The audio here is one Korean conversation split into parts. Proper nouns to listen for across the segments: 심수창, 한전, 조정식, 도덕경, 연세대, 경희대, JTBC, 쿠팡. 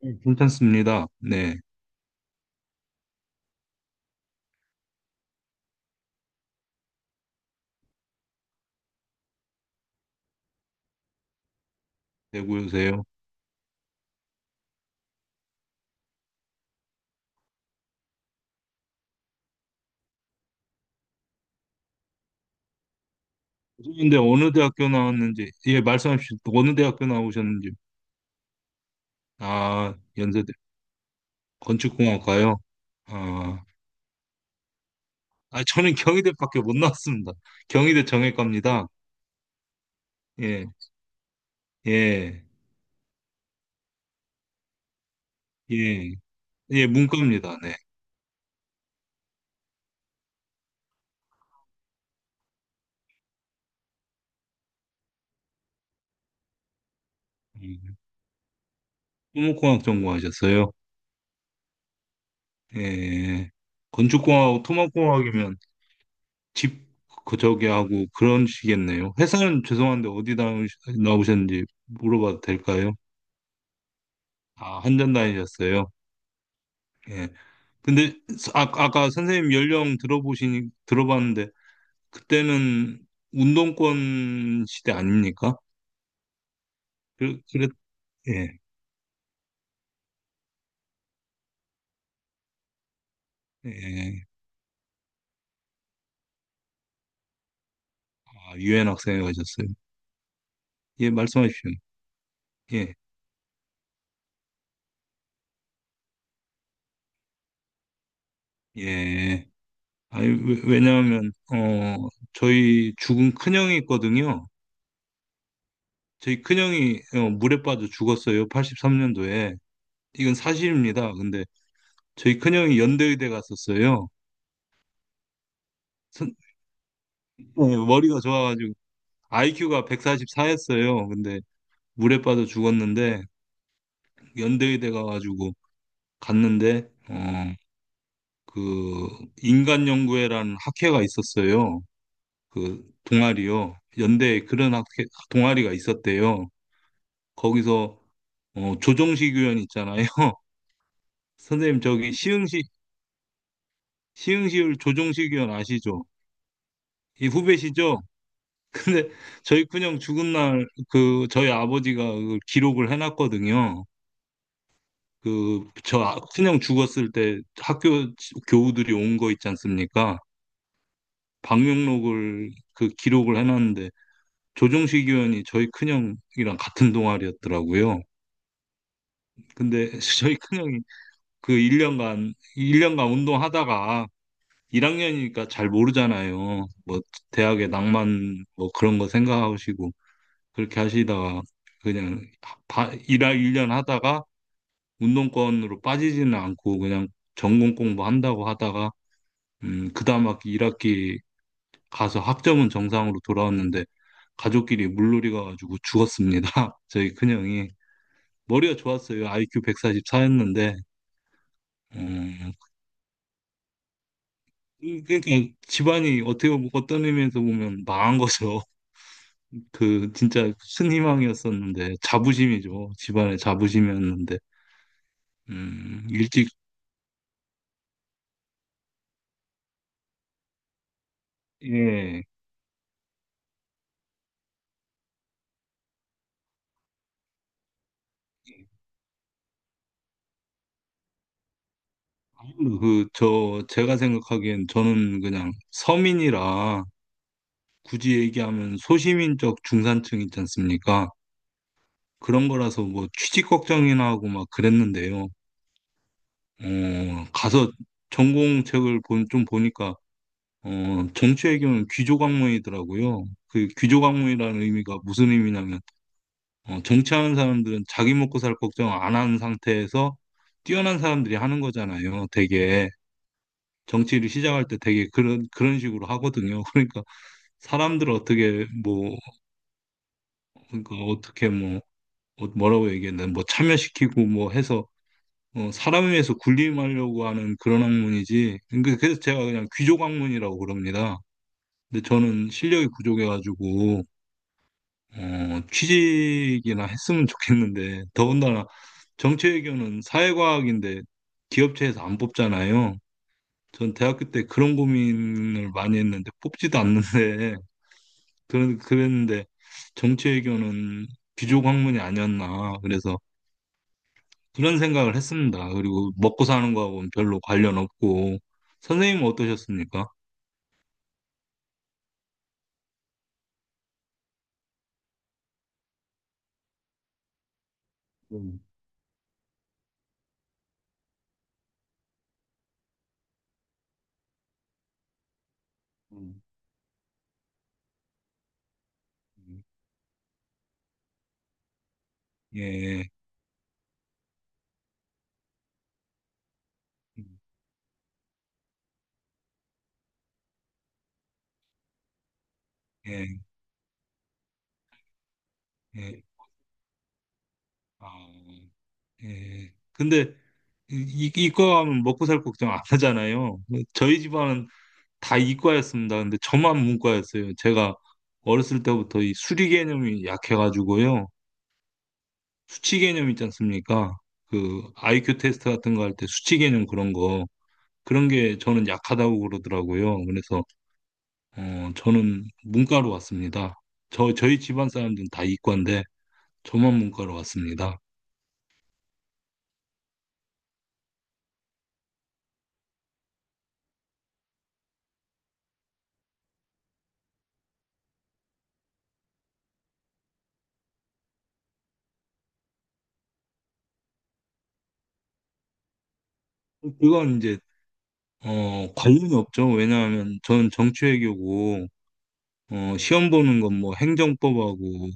네, 괜찮습니다. 네, 대구여세요. 근데 어느 대학교 나왔는지, 예, 말씀해 주십시오. 어느 대학교 나오셨는지. 아, 연세대 건축공학과요. 아, 아, 저는 경희대밖에 못 나왔습니다. 경희대 정외과입니다. 예, 예, 예, 예, 문과입니다. 네. 음, 토목공학 전공하셨어요. 예, 건축공학하고 토목공학이면 집, 그, 저기 하고 그런 식이겠네요. 회사는 죄송한데 어디 나오셨는지 물어봐도 될까요? 아, 한전 다니셨어요? 예. 근데 아, 아까 선생님 연령 들어보시니 들어봤는데 그때는 운동권 시대 아닙니까? 그래 예. 예. 아, 유엔 학생회 가셨어요. 예, 말씀하십시오. 예. 예. 아니, 왜냐하면 저희 죽은 큰형이 있거든요. 저희 큰형이 물에 빠져 죽었어요. 83년도에. 이건 사실입니다. 근데 저희 큰형이 연대의대 갔었어요. 선- 예, 머리가 좋아서. IQ가 144였어요. 근데 물에 빠져 죽었는데 연대의대 가가지고 갔는데 그 인간연구회라는 학회가 있었어요. 그 동아리요. 연대에 그런 학회 동아리가 있었대요. 거기서 조정식 의원 있잖아요. 선생님 저기 시흥시울 조정식 의원 아시죠? 이 후배시죠? 근데 저희 큰형 죽은 날 그 저희 아버지가 그 기록을 해놨거든요. 그 저 큰형 죽었을 때 학교 교우들이 온 거 있지 않습니까? 방명록을 그 기록을 해놨는데 조정식 의원이 저희 큰형이랑 같은 동아리였더라고요. 근데 저희 큰형이 그 1년간 1년간 운동하다가 1학년이니까 잘 모르잖아요. 뭐 대학의 낭만 뭐 그런 거 생각하시고 그렇게 하시다가 그냥 일할 1년 하다가 운동권으로 빠지지는 않고 그냥 전공 공부한다고 하다가 그다음 학기 1학기 가서 학점은 정상으로 돌아왔는데 가족끼리 물놀이 가가지고 죽었습니다. 저희 큰형이 머리가 좋았어요. IQ 144였는데 음, 그러니까 집안이 어떻게 보면 어떤 의미에서 보면 망한 거죠. 그 진짜 큰 희망이었었는데 자부심이죠. 집안의 자부심이었는데 일찍 예. 그 저 제가 생각하기엔 저는 그냥 서민이라 굳이 얘기하면 소시민적 중산층 있지 않습니까? 그런 거라서 뭐 취직 걱정이나 하고 막 그랬는데요. 가서 전공책을 좀 보니까 정치 외교는 귀족 학문이더라고요. 그 귀족 학문이라는 의미가 무슨 의미냐면 정치하는 사람들은 자기 먹고 살 걱정 안 하는 상태에서 뛰어난 사람들이 하는 거잖아요. 되게 정치를 시작할 때 되게 그런 식으로 하거든요. 그러니까 사람들 어떻게 뭐 그러니까 어떻게 뭐 뭐라고 얘기했나 뭐 참여시키고 뭐 해서 사람에 의해서 군림하려고 하는 그런 학문이지. 그러니까 그래서 제가 그냥 귀족 학문이라고 그럽니다. 근데 저는 실력이 부족해가지고 취직이나 했으면 좋겠는데 더군다나 정치외교는 사회과학인데 기업체에서 안 뽑잖아요. 전 대학교 때 그런 고민을 많이 했는데 뽑지도 않는데 그런 그랬는데 정치외교는 귀족 학문이 아니었나. 그래서 그런 생각을 했습니다. 그리고 먹고 사는 거하고는 별로 관련 없고. 선생님은 어떠셨습니까? 음, 음. 음. 예, 예, 예, 아, 예. 근데 이- 과 하면 먹고 살 걱정 안 하잖아요. 저희 집안은 다 이과였습니다. 근데 저만 문과였어요. 제가 어렸을 때부터 이 수리 개념이 약해가지고요. 수치 개념 있지 않습니까? 그 IQ 테스트 같은 거 할 때 수치 개념 그런 거 그런 게 저는 약하다고 그러더라고요. 그래서 저는 문과로 왔습니다. 저희 집안 사람들은 다 이과인데 저만 문과로 왔습니다. 그건 이제 관련이 없죠. 왜냐하면 저는 정치외교고 시험 보는 건 뭐 행정법하고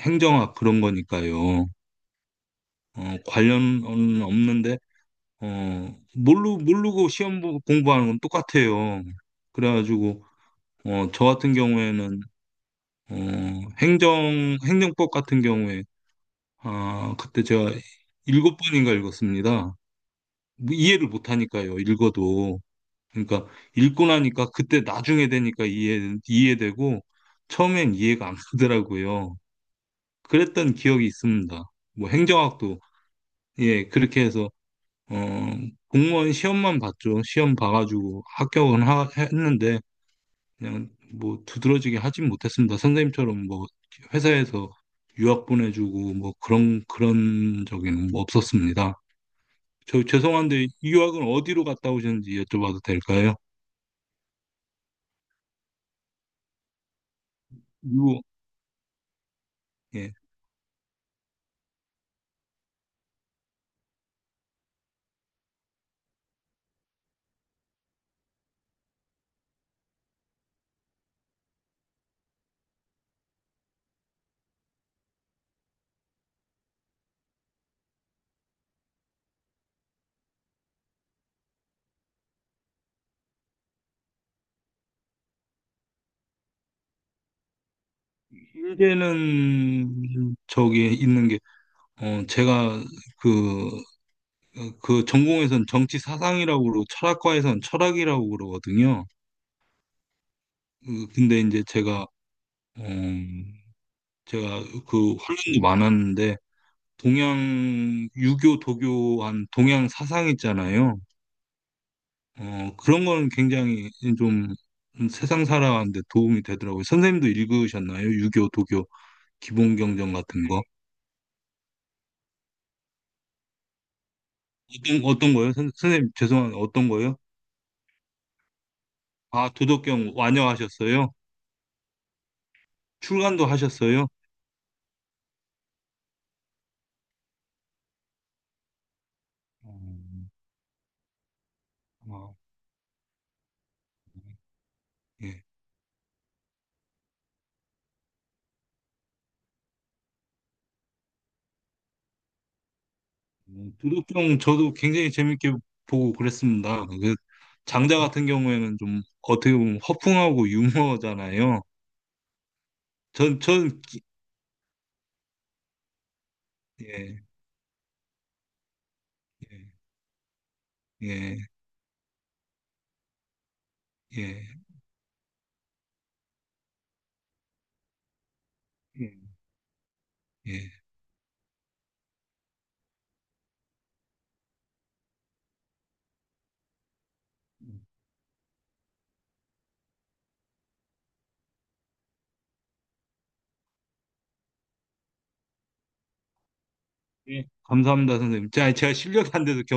행정학 그런 거니까요. 관련은 없는데 모르고 시험 공부하는 건 똑같아요. 그래가지고 저 같은 경우에는 어, 행정법 같은 경우에, 아, 그때 제가 7번인가 읽었습니다. 뭐 이해를 못하니까요, 읽어도. 그러니까, 읽고 나니까, 그때 나중에 되니까 이해되고, 처음엔 이해가 안 가더라고요. 그랬던 기억이 있습니다. 뭐, 행정학도, 예, 그렇게 해서, 어, 공무원 시험만 봤죠. 시험 봐가지고 합격은 했는데, 그냥 뭐 두드러지게 하진 못했습니다. 선생님처럼 뭐 회사에서 유학 보내주고 뭐 그런 적은 뭐 없었습니다. 저 죄송한데 이 유학은 어디로 갔다 오셨는지 여쭤봐도 될까요? 유, 예. 제는 저기 있는 게 제가 그, 그 전공에선 정치 사상이라고 그러고 철학과에선 철학이라고 그러거든요. 근데 이제 어, 제가 그 훈련도 많았는데 동양 유교, 도교한 동양 사상 있잖아요. 그런 거는 굉장히 좀 세상 살아가는데 도움이 되더라고요. 선생님도 읽으셨나요? 유교, 도교, 기본경전 같은 거. 어떤, 어떤 거요? 선, 생님 죄송한데 어떤 거요? 아, 도덕경 완여하셨어요? 출간도 하셨어요? 음, 아, 예. 도덕경 저도 굉장히 재밌게 보고 그랬습니다. 그 장자 같은 경우에는 좀 어떻게 보면 허풍하고 유머잖아요. 전, 전, 기- 예, 예, 예, 예, 예. 예. 예, 감사합니다, 선생님. 자, 제가 실력이 안 돼서